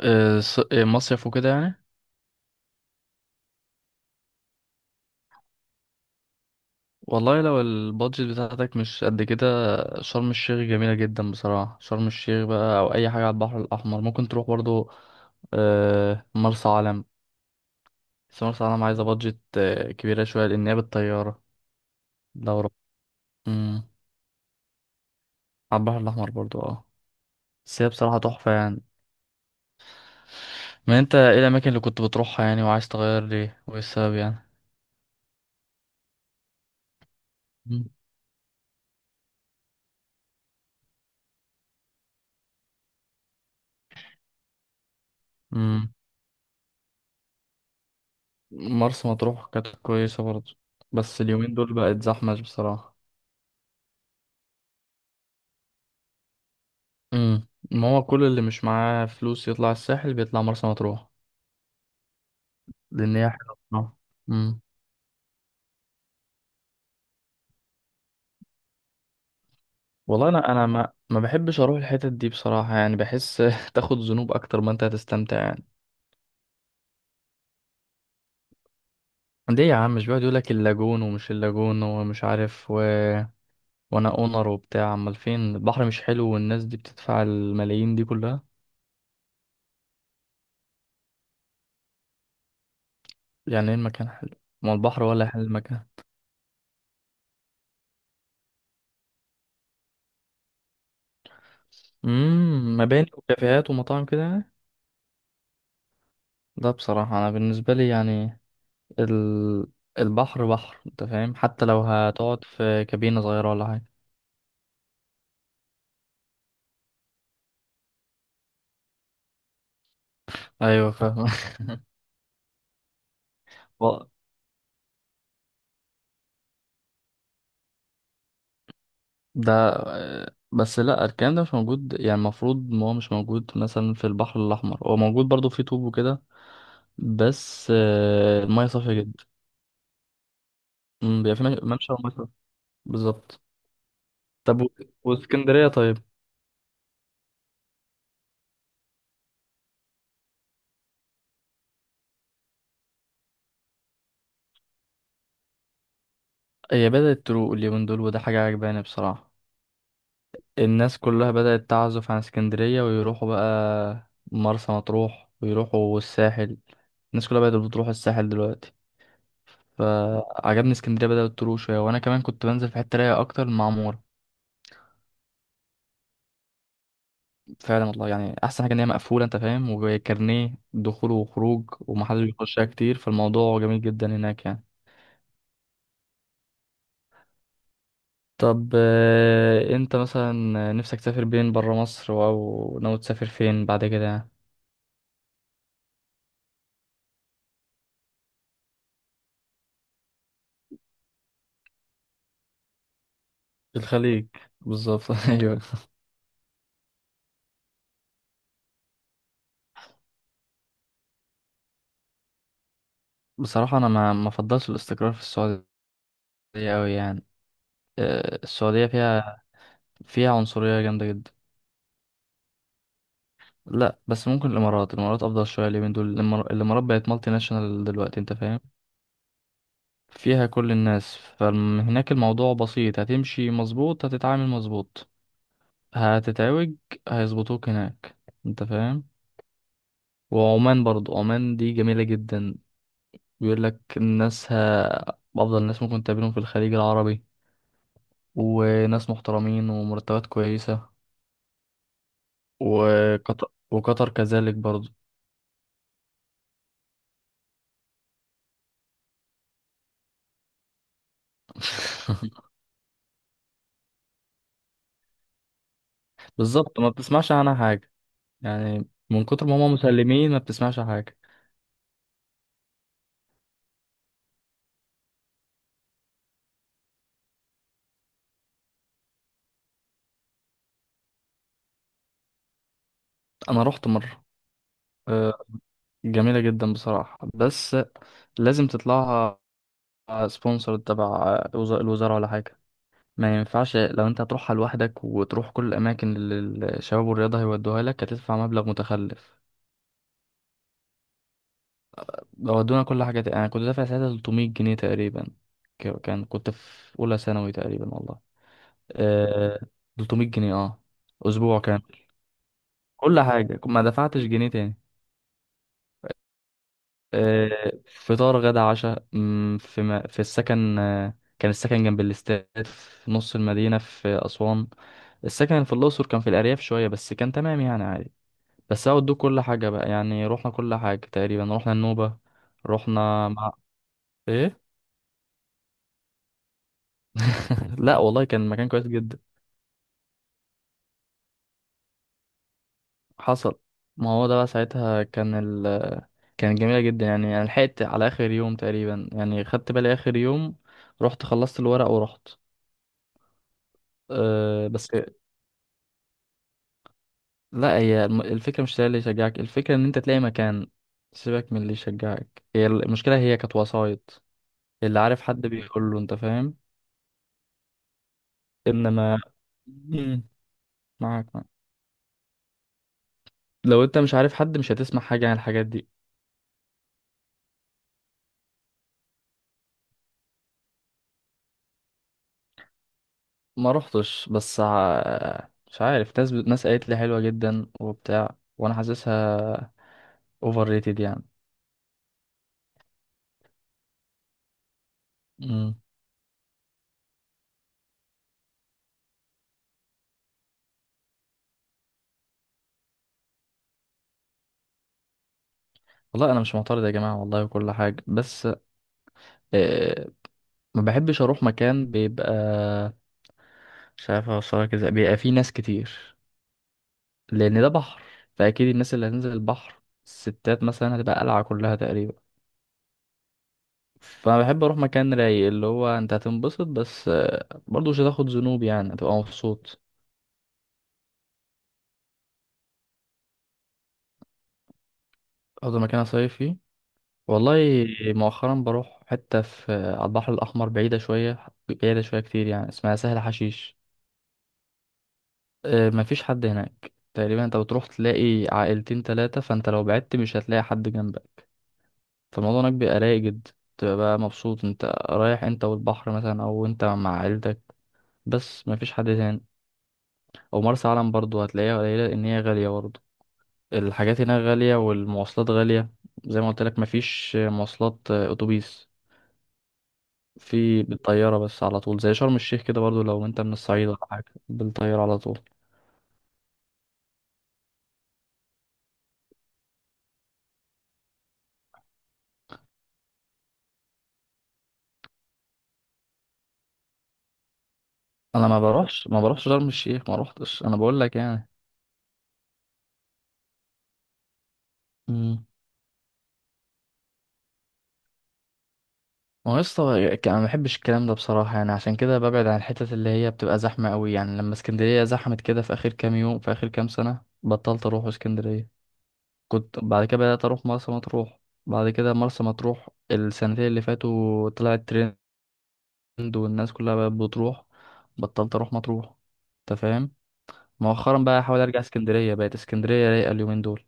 مصيف وكده يعني. والله لو البادجت بتاعتك مش قد كده، شرم الشيخ جميلة جدا بصراحة. شرم الشيخ بقى أو أي حاجة على البحر الأحمر ممكن تروح برضو. مرسى علم. بس مرسى علم عايزة بادجت كبيرة شوية لأن هي بالطيارة. دورة. مم. على البحر الأحمر برضو اه. بس هي بصراحة تحفة يعني. ما أنت إيه الأماكن اللي كنت بتروحها يعني، وعايز تغير ليه وإيه السبب يعني؟ مم. مم. مرسى مطروح كانت كويسة برضو. بس اليومين دول بقت زحمة بصراحة. ما هو كل اللي مش معاه فلوس يطلع الساحل، بيطلع مرسى مطروح. لان هي حلوه بصراحة. امم. والله انا ما بحبش اروح الحتت دي بصراحه يعني، بحس تاخد ذنوب اكتر ما انت هتستمتع يعني. ليه يا عم؟ مش بيقعد يقول لك اللاجون ومش اللاجون ومش عارف وانا اونر وبتاع، امال فين البحر مش حلو، والناس دي بتدفع الملايين دي كلها. يعني ايه المكان حلو؟ ما البحر ولا حلو المكان. مباني وكافيهات ومطاعم كده يعني. ده بصراحه انا بالنسبه لي يعني ال... البحر بحر انت فاهم، حتى لو هتقعد في كابينة صغيرة ولا حاجة. ايوه فاهم. و- ده، بس لا الكلام ده مش موجود يعني، المفروض ان هو مش موجود مثلا، في البحر الاحمر هو موجود برضو، في طوب وكده. بس المية صافية جدا. بيبقى في ممشى ومية صافية. بالظبط. طب واسكندرية طيب. هي بدأت تروق اليومين دول، وده حاجة عجباني بصراحة. الناس كلها بدأت تعزف عن اسكندرية ويروحوا بقى مرسى مطروح ويروحوا الساحل. الناس كلها بقت بتروح الساحل دلوقتي. فعجبني اسكندرية بدأت تروح شوية، وأنا كمان كنت بنزل في حتة رايقة أكتر، المعمورة. فعلا والله، يعني أحسن حاجة إن هي مقفولة، أنت فاهم، وكارنيه دخول وخروج ومحدش بيخشها كتير، فالموضوع جميل جدا هناك يعني. طب، أنت مثلا، نفسك تسافر بين برا مصر، أو ناوي تسافر فين بعد كده يعني؟ الخليج. بالظبط، أيوه. بصراحة أنا ما أفضلش الاستقرار في السعودية أوي يعني. السعودية فيها عنصرية جامدة جدا. لا بس ممكن الإمارات، الإمارات أفضل شوية اليومين دول، الإمارات بقت مالتي ناشونال دلوقتي، أنت فاهم. فيها كل الناس، فهناك الموضوع بسيط، هتمشي مظبوط هتتعامل مظبوط. هتتعوج، هيظبطوك هناك، أنت فاهم. وعمان برضو، عمان دي جميلة جدا. بيقولك الناسها أفضل ناس ممكن تقابلهم في الخليج العربي، وناس محترمين ومرتبات كويسة. وقطر كذلك برضو. بالظبط، ما بتسمعش عنها حاجة، يعني من كتر ما هم مسلمين ما بتسمعش حاجة. أنا رحت مرة. آه، جميلة جدا بصراحة، بس لازم تطلعها سبونسر تبع الوزارة ولا حاجة. ما ينفعش لو انت هتروحها لوحدك وتروح كل الأماكن اللي الشباب والرياضة هيودوها لك، هتدفع مبلغ متخلف. ودونا كل حاجة، أنا كنت دافع ساعتها 300 جنيه تقريبا، كان كنت في أولى ثانوي تقريبا والله. آه 300 جنيه، اه. اسبوع كامل. كل حاجه، ما دفعتش جنيه تاني. آه فطار غدا عشاء، في ما في السكن، كان السكن جنب الاستاد في نص المدينه في اسوان. السكن في الاقصر كان في الارياف شويه، بس كان تمام يعني، عادي. بس هو ادوك كل حاجه بقى يعني، رحنا كل حاجه تقريبا، رحنا النوبه، رحنا مع. ايه. لا والله كان مكان كويس جدا. حصل. ما هو ده بقى ساعتها كان ال كانت جميلة جدا يعني لحقت على آخر يوم تقريبا يعني، خدت بالي آخر يوم، رحت خلصت الورق ورحت. أه بس. لا هي الفكرة مش ده اللي يشجعك، الفكرة إن أنت تلاقي مكان، سيبك من اللي يشجعك، هي المشكلة هي كانت وسايط. اللي عارف حد بيقول له، أنت فاهم، إنما. مم. معاك معاك. لو أنت مش عارف حد، مش هتسمع حاجة عن الحاجات دي. ما روحتش، بس مش عارف، ناس قالت لي حلوة جدا وبتاع، وانا حاسسها اوفر ريتد يعني. مم. والله انا مش معترض يا جماعة والله، وكل حاجة، بس آه ما بحبش اروح مكان بيبقى، مش عارف اوصلك ازاي، بيبقى فيه ناس كتير، لان ده بحر، فاكيد الناس اللي هتنزل البحر، الستات مثلا هتبقى قلعة كلها تقريبا. فانا بحب اروح مكان رايق، اللي هو انت هتنبسط، بس برضه مش هتاخد ذنوب يعني، هتبقى مبسوط. افضل مكان اصيف فيه، والله مؤخرا بروح حتة في على البحر الأحمر، بعيدة شوية، بعيدة شوية كتير يعني، اسمها سهل حشيش. مفيش حد هناك تقريبا، انت بتروح تلاقي عائلتين تلاتة، فانت لو بعدت مش هتلاقي حد جنبك. فالموضوع هناك بيبقى رايق جدا، تبقى بقى مبسوط، انت رايح انت والبحر مثلا، او انت مع عيلتك، بس مفيش حد تاني. او مرسى علم برضو هتلاقيها قليلة، ان هي غالية برضو، الحاجات هناك غالية والمواصلات غالية. زي ما قلت لك مفيش مواصلات، اتوبيس، في بالطيارة بس على طول زي شرم الشيخ كده برضو، لو انت من الصعيد ولا حاجة بالطيارة على طول. انا ما بروحش شرم الشيخ، ما روحتش، انا بقول لك يعني. امم. ما هو يا اسطى، انا ما بحبش الكلام ده بصراحة يعني، عشان كده ببعد عن الحتت اللي هي بتبقى زحمة قوي، يعني لما اسكندرية زحمت كده في اخر كام يوم، في اخر كام سنة بطلت اروح اسكندرية، كنت بعد كده بدأت اروح مرسى مطروح. بعد كده مرسى مطروح السنتين اللي فاتوا طلعت ترند، والناس كلها بقت بتروح، بطلت اروح مطروح، انت فاهم. مؤخرا بقى احاول ارجع اسكندريه، بقت اسكندريه رايقه اليومين دول.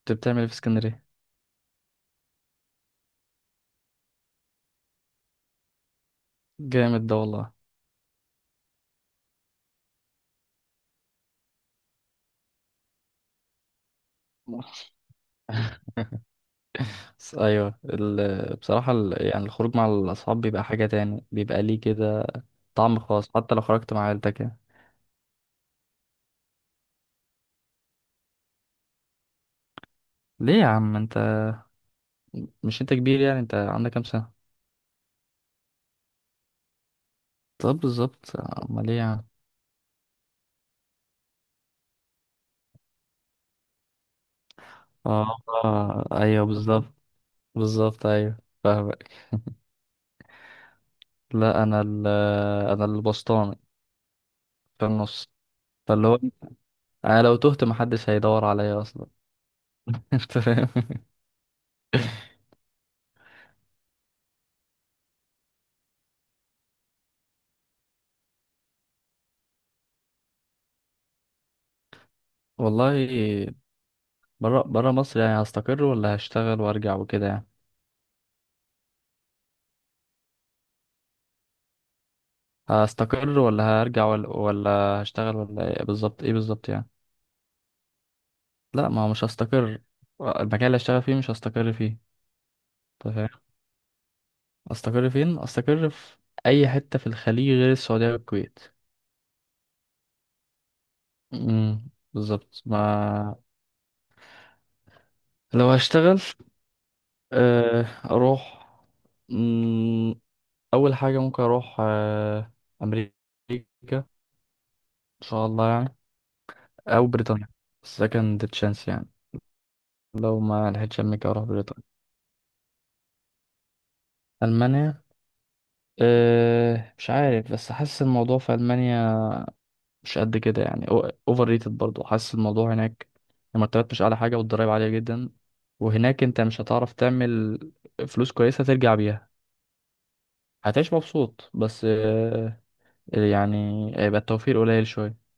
انت بتعمل ايه في اسكندريه؟ جامد ده والله. بس ايوه بصراحه يعني الخروج مع الاصحاب بيبقى حاجه تاني، بيبقى ليه كده طعم خاص، حتى لو خرجت مع عيلتك يعني. ليه يا عم انت، مش انت كبير يعني، انت عندك كام سنه؟ طب بالظبط، امال ايه يا عم. اه، ايوه بالظبط. بالظبط ايوه، فاهمك. لا انا انا البسطاني في النص، فاللي هو انا لو تهت محدش هيدور عليا اصلا. انت فاهم. والله، برا برا مصر يعني، هستقر ولا هشتغل وارجع وكده يعني؟ هستقر ولا هرجع، ولا هشتغل، ولا ايه بالظبط، ايه بالظبط يعني. لا ما هو مش هستقر، المكان اللي هشتغل فيه مش هستقر فيه. أنت فاهم. استقر فين؟ استقر في اي حتة في الخليج غير السعودية والكويت. امم، بالظبط، ما لو هشتغل، اروح، مم، اول حاجة ممكن اروح امريكا، ان شاء الله يعني، او بريطانيا، سكند تشانس يعني، لو ما لحقتش امريكا اروح بريطانيا. المانيا، مش عارف، بس حاسس الموضوع في المانيا مش قد كده يعني، اوفر ريتد برضه حاسس الموضوع هناك، المرتبات مش اعلى حاجه والضرايب عاليه جدا، وهناك انت مش هتعرف تعمل فلوس كويسه ترجع بيها. هتعيش مبسوط بس أه، يعني هيبقى التوفير قليل شويه.